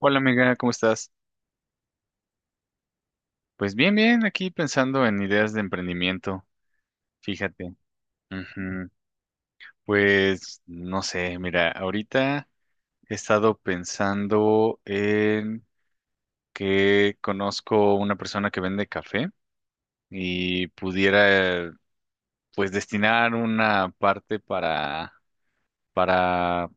Hola amiga, ¿cómo estás? Pues bien, bien, aquí pensando en ideas de emprendimiento, fíjate. Ujú. Pues no sé, mira, ahorita he estado pensando en que conozco una persona que vende café y pudiera pues destinar una parte para, para,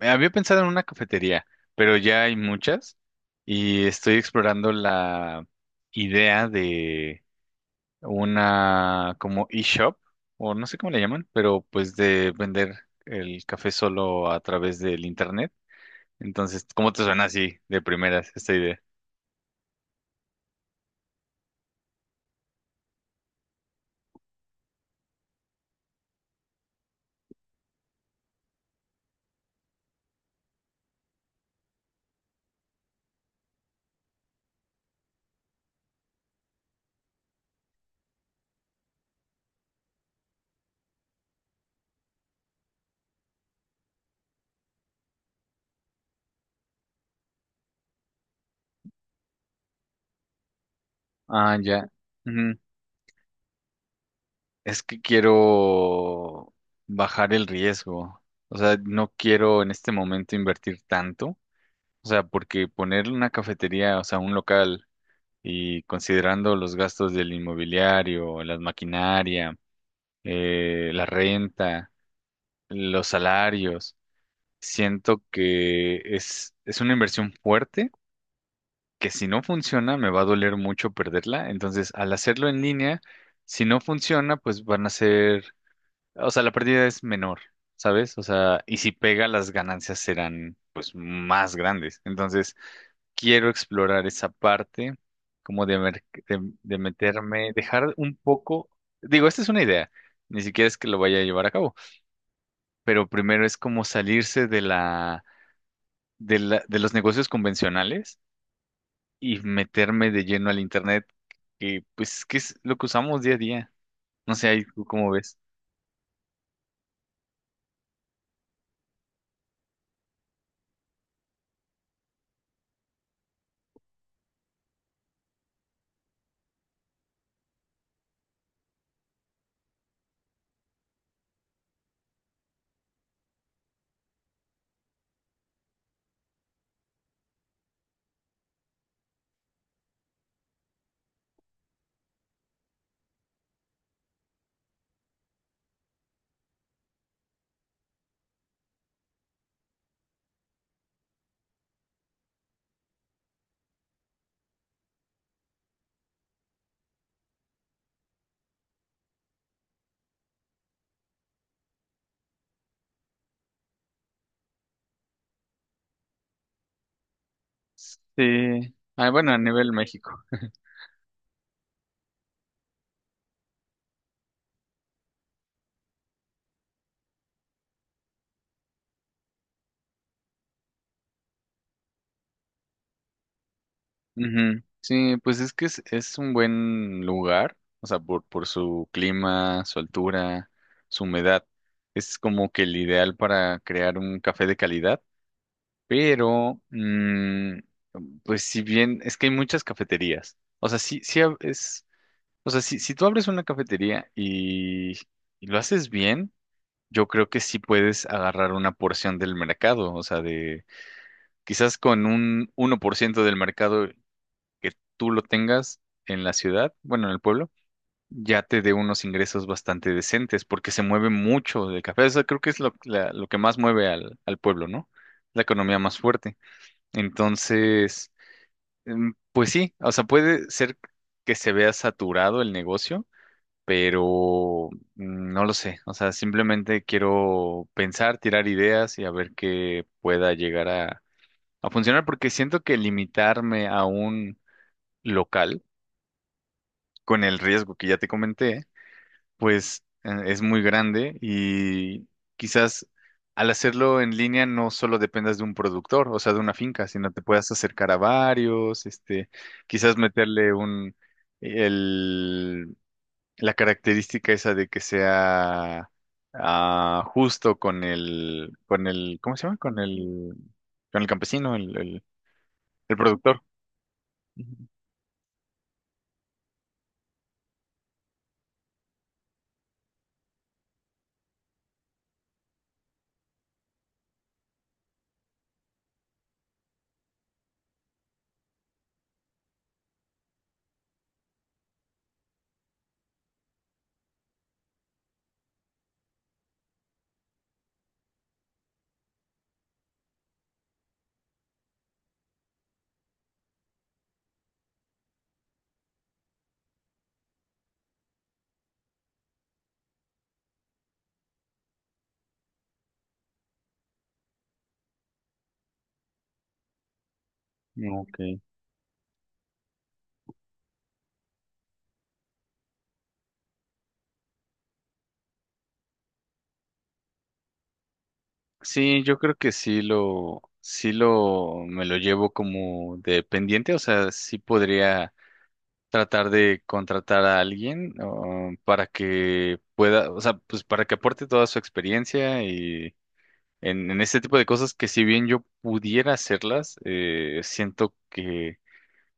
eh, había pensado en una cafetería, pero ya hay muchas y estoy explorando la idea una como eShop, o no sé cómo le llaman, pero pues de vender el café solo a través del internet. Entonces, ¿cómo te suena así de primeras esta idea? Ah, ya. Ujú. Es que quiero bajar el riesgo. O sea, no quiero en este momento invertir tanto. O sea, porque poner una cafetería, o sea, un local y considerando los gastos del inmobiliario, la maquinaria, la renta, los salarios. Siento que es una inversión fuerte, que si no funciona me va a doler mucho perderla. Entonces, al hacerlo en línea, si no funciona, pues van a ser, o sea, la pérdida es menor, ¿sabes? O sea, y si pega, las ganancias serán pues más grandes. Entonces, quiero explorar esa parte, como de, mer- de meterme, dejar un poco, digo, esta es una idea, ni siquiera es que lo vaya a llevar a cabo, pero primero es como salirse de la de los negocios convencionales y meterme de lleno al internet, que pues que es lo que usamos día a día. No sé, ahí tú cómo ves. Sí. Ah, bueno, a nivel México. Ujú. Sí, pues es que es un buen lugar, o sea, por su clima, su altura, su humedad. Es como que el ideal para crear un café de calidad, pero, pues si bien, es que hay muchas cafeterías. O sea, sí, sí ha- es, o sea, si, si tú abres una cafetería y lo haces bien, yo creo que sí puedes agarrar una porción del mercado. O sea, de quizás con un 1% del mercado que tú lo tengas en la ciudad, bueno, en el pueblo, ya te dé unos ingresos bastante decentes, porque se mueve mucho del café. O sea, creo que es lo, la- lo que más mueve al, al pueblo, ¿no? La economía más fuerte. Entonces, pues sí, o sea, puede ser que se vea saturado el negocio pero no lo sé. O sea, simplemente quiero pensar, tirar ideas y a ver qué pueda llegar a funcionar, porque siento que limitarme a un local con el riesgo que ya te comenté, pues es muy grande y quizás al hacerlo en línea no solo dependas de un productor, o sea, de una finca, sino te puedas acercar a varios, este, quizás meterle un... El, la característica esa de que sea ah, justo con el, ¿cómo se llama? Con el campesino, el productor. Ujú. Ok. Sí, yo creo que sí lo, me lo llevo como de pendiente, o sea, sí podría tratar de contratar a alguien, ah, para que pueda, o sea, pues para que aporte toda su experiencia en este tipo de cosas que si bien yo pudiera hacerlas, siento que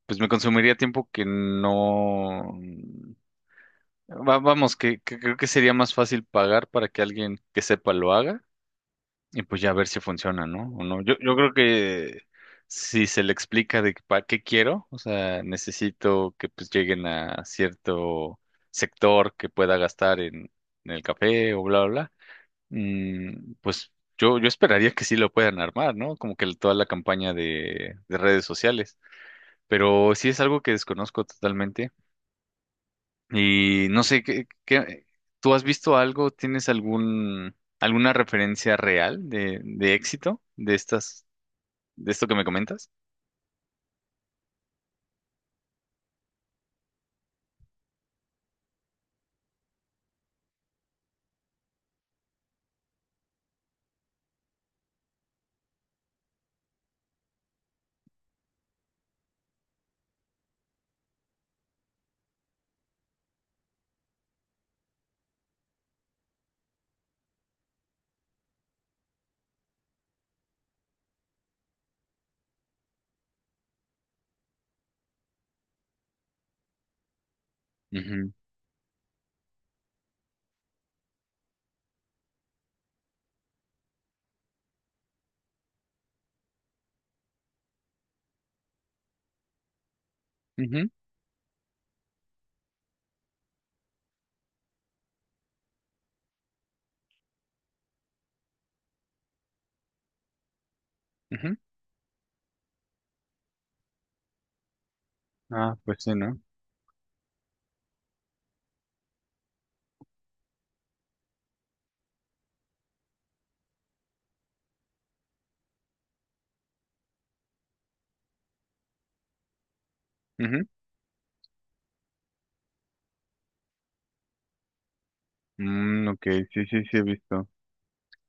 pues me consumiría tiempo que no... va- vamos, que creo que sería más fácil pagar para que alguien que sepa lo haga y pues ya ver si funciona, ¿no? O no. Yo creo que si se le explica de para qué quiero, o sea, necesito que pues lleguen a cierto sector que pueda gastar en el café o bla, bla, bla. Mm, pues yo esperaría que sí lo puedan armar, ¿no? Como que el- toda la campaña de redes sociales. Pero sí es algo que desconozco totalmente. Y no sé, ¿qué, qué- tú has visto algo? ¿Tienes algún, alguna referencia real de éxito de estas, de esto que me comentas? Ujú, ujú, ujú. Ah, pues sí, ¿no? Ujú. Mm, ok, sí, sí, sí he visto.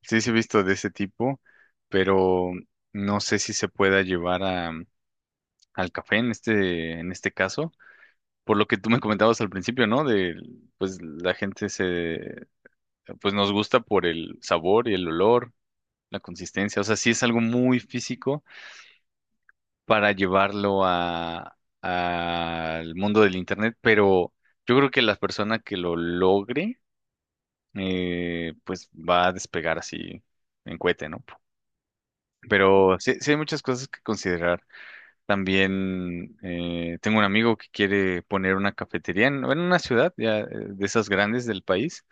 Sí, sí he visto de ese tipo, pero no sé si se pueda llevar al café en este caso, por lo que tú me comentabas al principio, ¿no? De, pues la gente se, pues nos gusta por el sabor y el olor, la consistencia, o sea, sí es algo muy físico para llevarlo a, al mundo del internet, pero yo creo que la persona que lo logre, pues va a despegar así en cohete, ¿no? Pero sí, sí hay muchas cosas que considerar. También tengo un amigo que quiere poner una cafetería en, bueno, en una ciudad ya, de esas grandes del país,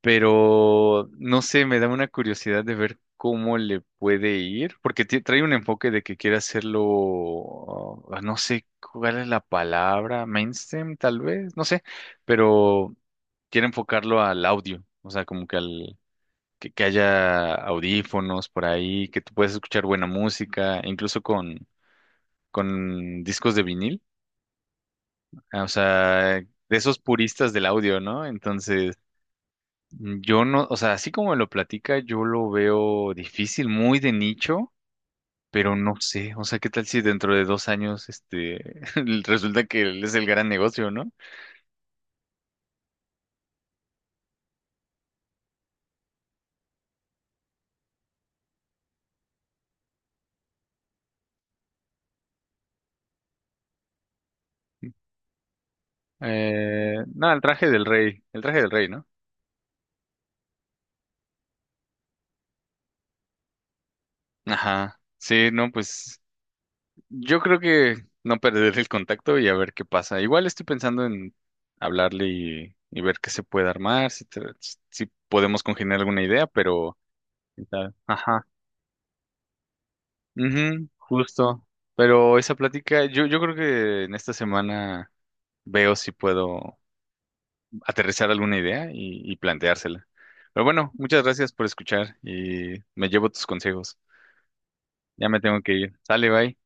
pero no sé, me da una curiosidad de ver cómo le puede ir, porque ti- trae un enfoque de que quiere hacerlo, ah, no sé cuál es la palabra, mainstream tal vez, no sé, pero quiere enfocarlo al audio, o sea, como que al... que haya audífonos por ahí, que tú puedas escuchar buena música, incluso con discos de vinil. Ah, o sea, de esos puristas del audio, ¿no? Entonces, yo no, o sea, así como me lo platica, yo lo veo difícil, muy de nicho, pero no sé, o sea, ¿qué tal si dentro de 2 años, este, resulta que es el gran negocio, ¿no? No, el traje del rey, el traje del rey, ¿no? Ajá, sí, no, pues yo creo que no perder el contacto y a ver qué pasa. Igual estoy pensando en hablarle y ver qué se puede armar, si, te- si podemos congeniar alguna idea, pero... ¿Quién sabe? Ajá. Ujú, justo. Pero esa plática, yo creo que en esta semana veo si puedo aterrizar alguna idea y planteársela. Pero bueno, muchas gracias por escuchar y me llevo tus consejos. Ya me tengo que ir. Sale, bye.